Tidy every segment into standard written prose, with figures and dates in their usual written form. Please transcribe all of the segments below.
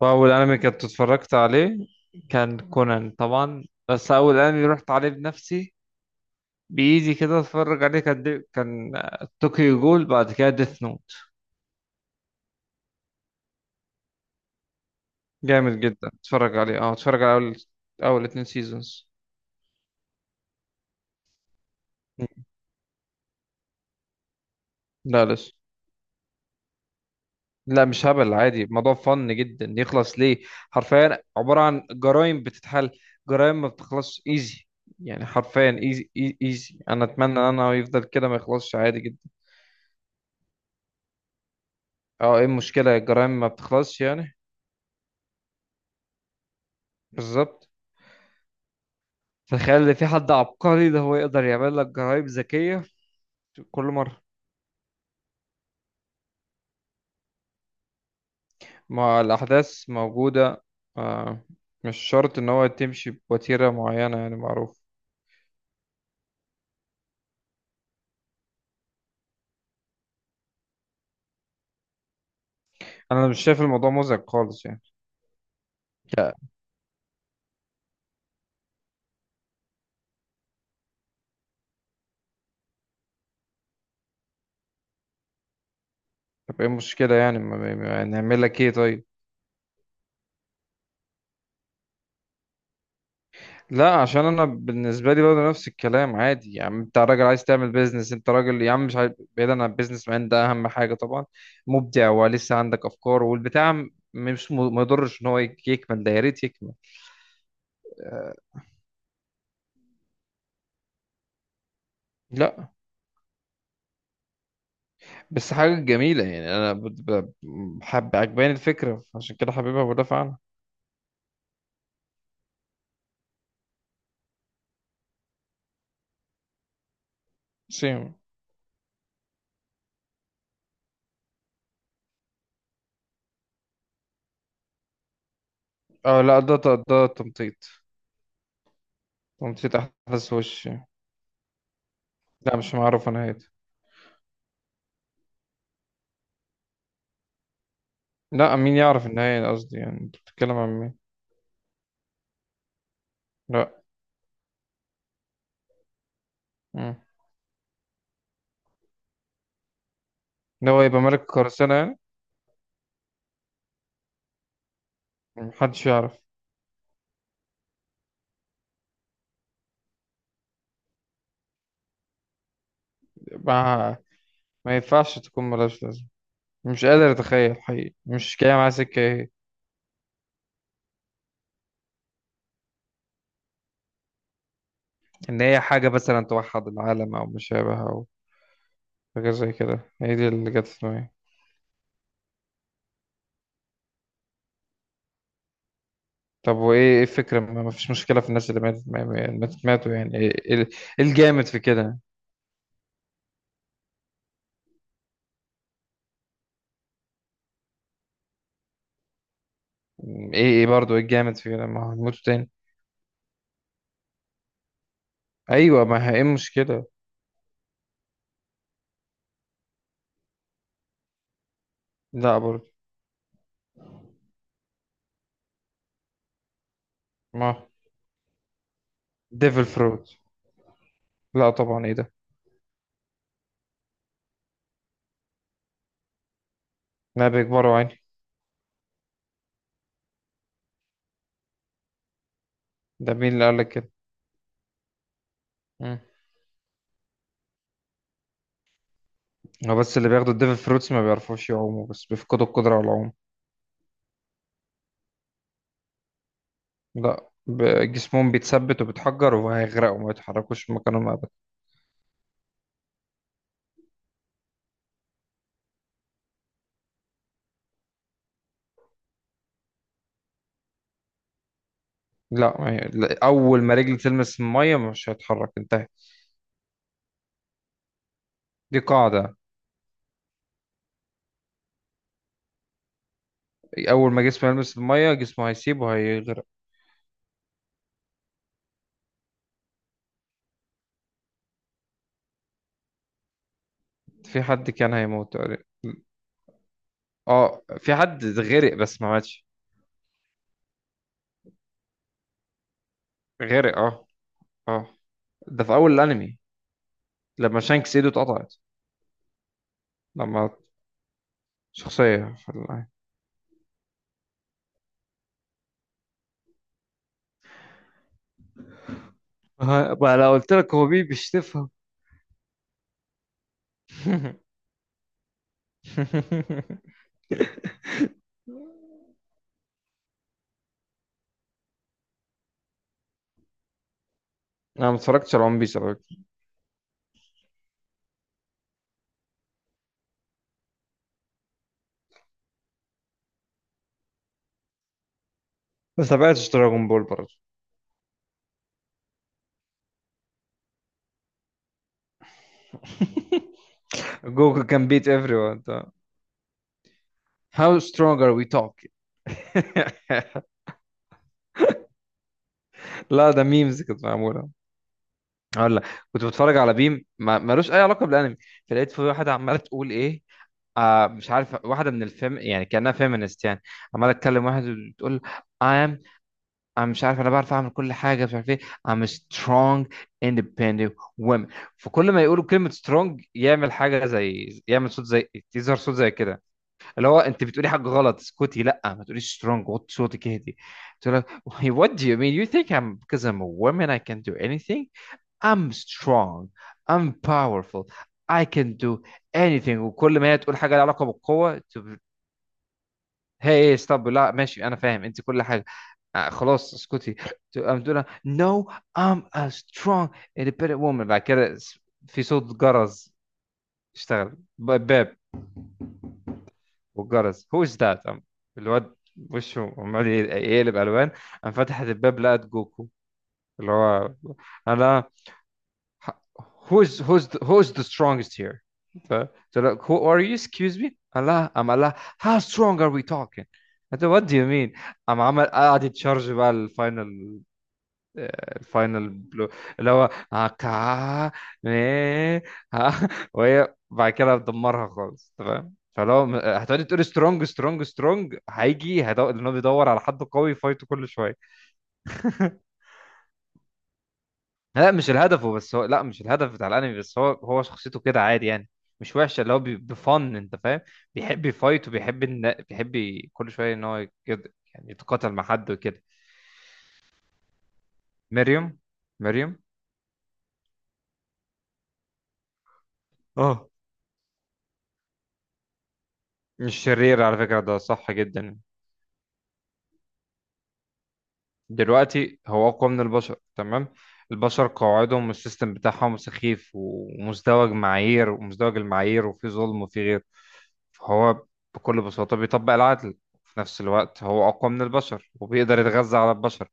وأول أنمي كنت اتفرجت عليه كان كونان طبعا. بس أول أنمي رحت عليه بنفسي بإيدي كده اتفرج عليه كان طوكيو جول، بعد كده ديث نوت. جامد جدا، اتفرج عليه. اه اتفرج على أول اتنين سيزونز. لا لسه. لا مش هبل، عادي، الموضوع فن جدا، يخلص ليه؟ حرفيا عبارة عن جرائم بتتحل، جرائم ما بتخلصش ايزي، يعني حرفيا ايزي. ايزي، انا اتمنى ان انا يفضل كده ما يخلصش، عادي جدا. اه، ايه المشكلة؟ الجرائم ما بتخلصش يعني. بالظبط. تخيل ان في حد عبقري ده، هو يقدر يعمل لك جرايب ذكية كل مرة. ما الأحداث موجودة. آه. مش شرط إن هو تمشي بوتيرة معينة يعني، معروف. أنا مش شايف الموضوع مزعج خالص يعني. لا. طب إيه المشكلة يعني، نعمل لك إيه طيب؟ لا، عشان أنا بالنسبة لي برضه نفس الكلام. عادي يا عم، أنت راجل عايز تعمل بيزنس، أنت راجل يا عم، مش عارف. بعيدا عن البيزنس مان ده، أهم حاجة طبعا مبدع ولسه عندك أفكار والبتاع، م- مش م- ما يضرش إن هو يكمل ده، يا ريت يكمل. لا بس حاجة جميلة يعني. أنا حب عجباني الفكرة، عشان كده حبيبها بدافع عنها. سيم. اه لا، ده تمطيط، تمطيط أحداث وش. لا مش معروفة نهايته. لا مين يعرف النهاية؟ قصدي يعني أنت بتتكلم عن مين؟ لا. مم. إن هو يبقى ملك القراصنة يعني. محدش يعرف. ما, ما ينفعش تكون ملهاش لازمة. مش قادر أتخيل حقيقي، مش جاية معايا سكة إيه. إن هي حاجة مثلا توحد العالم أو مشابه، أو حاجة زي كده، هي دي اللي جت في دماغي. طب وايه ايه الفكرة؟ ما فيش مشكلة في الناس اللي ماتت. ماتوا يعني، ايه ايه إيه الجامد في كده؟ ايه ايه برضه، ايه الجامد في كده؟ ما هنموتوا تاني. ايوه ما هي- ايه المشكلة؟ لا برضه. ما، ديفل فروت. لا طبعا، ايه ده؟ لا بيكبروا عيني. ده مين اللي قال لك كده؟ مم. هو بس اللي بياخدوا الديفل فروتس ما بيعرفوش يعوموا، بس بيفقدوا القدرة على العوم. لا، جسمهم بيتثبت وبيتحجر وهيغرقوا، ما يتحركوش من مكانهم ابدا. لا، ما هي- لا، اول ما رجل تلمس الميه مش هيتحرك، انتهت، دي قاعدة. اول ما جسمه يلمس الميه جسمه هيسيب وهيغرق. في حد كان هيموت تقريبا. اه في حد غرق بس ما ماتش. غرق اه. اه. ده في اول الانمي لما شانكس ايده اتقطعت. لما شخصيه في الانمي. بقى لو قلت لك هو بيبي مش تفهم. انا ما اتفرجتش على ون بيس على فكره. بس تابعتش دراجون بول برضه. جوجو كان بيت ايفري ون. How strong are we talking؟ لا، ده ميمز كانت معموله. اقول لك، كنت بتفرج على بيم ملوش اي علاقه بالانمي. فلقيت في واحده عماله تقول ايه، مش عارف، واحده من الفيم يعني، كانها فيمينست يعني. عماله تكلم واحد، بتقول I'm. أنا مش عارف، أنا بعرف أعمل كل حاجة، مش عارف إيه. I'm a strong independent woman. فكل ما يقولوا كلمة strong يعمل حاجة، زي يعمل صوت، زي يظهر صوت زي كده. اللي هو أنت بتقولي حاجة غلط، اسكتي، لا ما تقوليش strong، وطي صوتك اهدي. تقول لك what do you mean, you think I'm, because I'm a woman I can do anything. I'm strong, I'm powerful, I can do anything. وكل ما هي تقول حاجة لها علاقة بالقوة هي hey, hey, stop. لا ماشي، أنا فاهم أنت كل حاجة، خلاص اسكتي. I'm doing no, I'm a strong independent woman. بعد كده في صوت جرس اشتغل، باب. والجرس. who is that? الواد وشه عمال يقلب ألوان، قام فتحت الباب لقت جوكو اللي هو انا. Who's the strongest here؟ So like, who are you? Excuse me, Allah. I'm Allah. How strong are we talking؟ انت, what do you mean؟ قام عمل قاعد يتشارج بقى الفاينل، الفاينل بلو، اللي هو آه، كا إيه، ها. وهي بعد كده بتدمرها خالص تمام. فلو هتقعدي تقولي سترونج سترونج سترونج، هيجي هيدور، لانه بيدور على حد قوي يفايته كل شويه. لا مش الهدف. بس هو لا مش الهدف بتاع الانمي، بس هو شخصيته كده، عادي يعني، مش وحشه، اللي هو بفن، انت فاهم. بيحب يفايت، وبيحب إن... بيحب كل شويه ان هو كده، يعني يتقاتل مع حد وكده. مريم. مريم. اه مش شرير على فكره، ده صح جدا. دلوقتي هو أقوى من البشر تمام. البشر قواعدهم والسيستم بتاعهم سخيف، ومزدوج معايير، ومزدوج المعايير، وفي ظلم، وفي غير. فهو بكل بساطة بيطبق العدل. في نفس الوقت هو أقوى من البشر وبيقدر يتغذى على البشر.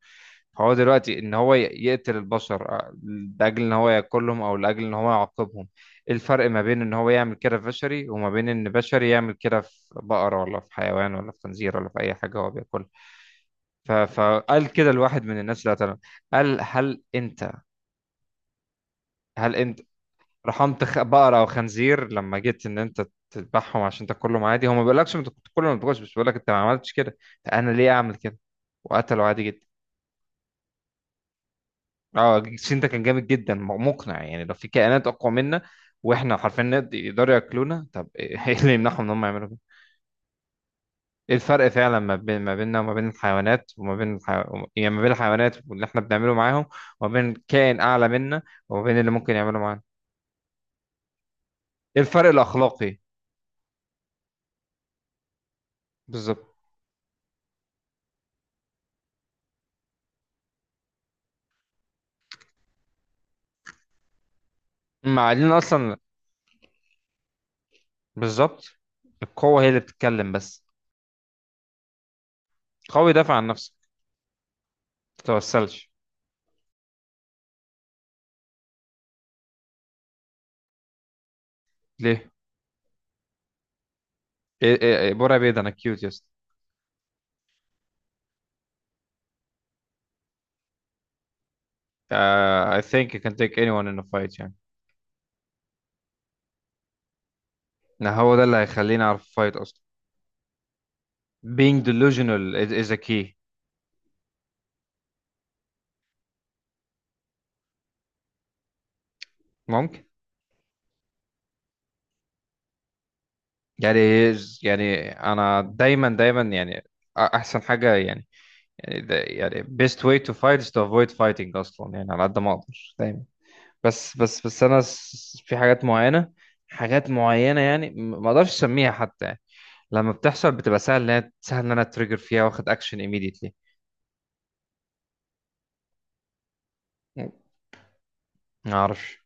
فهو دلوقتي إن هو يقتل البشر لأجل إن هو ياكلهم، أو لأجل إن هو يعاقبهم. إيه الفرق ما بين إن هو يعمل كده في بشري، وما بين إن بشري يعمل كده في بقرة، ولا في حيوان، ولا في خنزير، ولا في أي حاجة هو بياكلها. فقال كده لواحد من الناس اللي قتلهم. قال هل انت، هل انت رحمت بقرة او خنزير لما جيت ان انت تذبحهم عشان تاكلهم؟ عادي. هو ما بيقولكش انت كنت تاكلهم ما تاكلش، بس بيقولك انت ما عملتش كده، فانا ليه اعمل كده؟ وقتله عادي جدا. اه، السين ده كان جامد جدا، مقنع يعني. لو في كائنات اقوى منا، واحنا حرفيا يقدروا ياكلونا، طب ايه إيه اللي يمنعهم ان هم يعملوا كده؟ ايه الفرق فعلا ما بين ما بيننا وما بين الحيوانات، وما بين يعني ما بين الحيوانات واللي احنا بنعمله معاهم، وما بين كائن اعلى منا وما بين اللي ممكن يعمله معانا. ايه الفرق الاخلاقي؟ بالظبط. مع ان اصلا. بالظبط. القوة هي اللي بتتكلم بس. قوي، دافع عن نفسك، ما تتوسلش. ليه؟ ايه برا بيض، انا كيوت، يس. I think you can take anyone in a fight يعني. لا هو ده اللي هيخليني اعرف fight اصلا. Being delusional is a key. ممكن. يعني، يعني انا دايما دايما يعني احسن حاجه يعني، يعني ده يعني best way to fight is to avoid fighting اصلا يعني على قد ما اقدر دايما. بس انا في حاجات معينه، حاجات معينه يعني ما اقدرش اسميها حتى يعني. لما بتحصل بتبقى سهل سهل ان انا اتريجر فيها، واخد اكشن immediately. ما اعرفش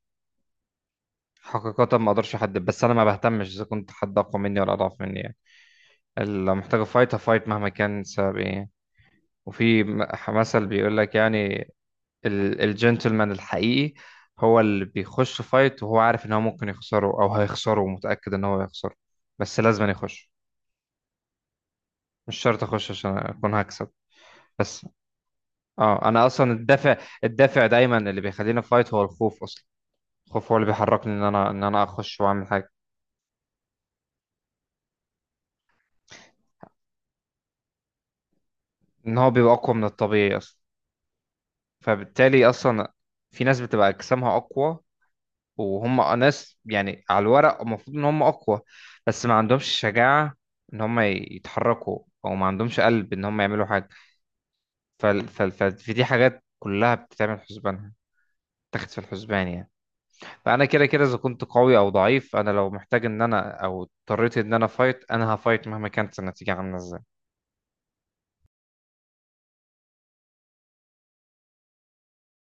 حقيقة، ما اقدرش احدد. بس انا ما بهتمش اذا كنت حد اقوى مني ولا اضعف مني يعني. اللي محتاج افايت افايت مهما كان السبب ايه يعني. وفي مثل بيقول لك يعني الجنتلمان الحقيقي هو اللي بيخش فايت وهو عارف ان هو ممكن يخسره او هيخسره، ومتأكد ان هو هيخسره، بس لازم يخش. مش شرط اخش عشان اكون هكسب. بس اه، انا اصلا الدافع، الدافع دايما اللي بيخليني فايت هو الخوف اصلا. الخوف هو اللي بيحركني ان انا اخش واعمل حاجة. ان هو بيبقى اقوى من الطبيعي اصلا، فبالتالي اصلا في ناس بتبقى اجسامها اقوى، وهم ناس يعني على الورق المفروض ان هم اقوى، بس ما عندهمش شجاعة ان هم يتحركوا، او ما عندهمش قلب ان هم يعملوا حاجة. فدي حاجات كلها بتتعمل حسبانها، تاخد في الحسبان يعني. فانا كده كده اذا كنت قوي او ضعيف، انا لو محتاج ان انا او اضطريت ان انا فايت انا هفايت مهما كانت النتيجة عاملة ازاي.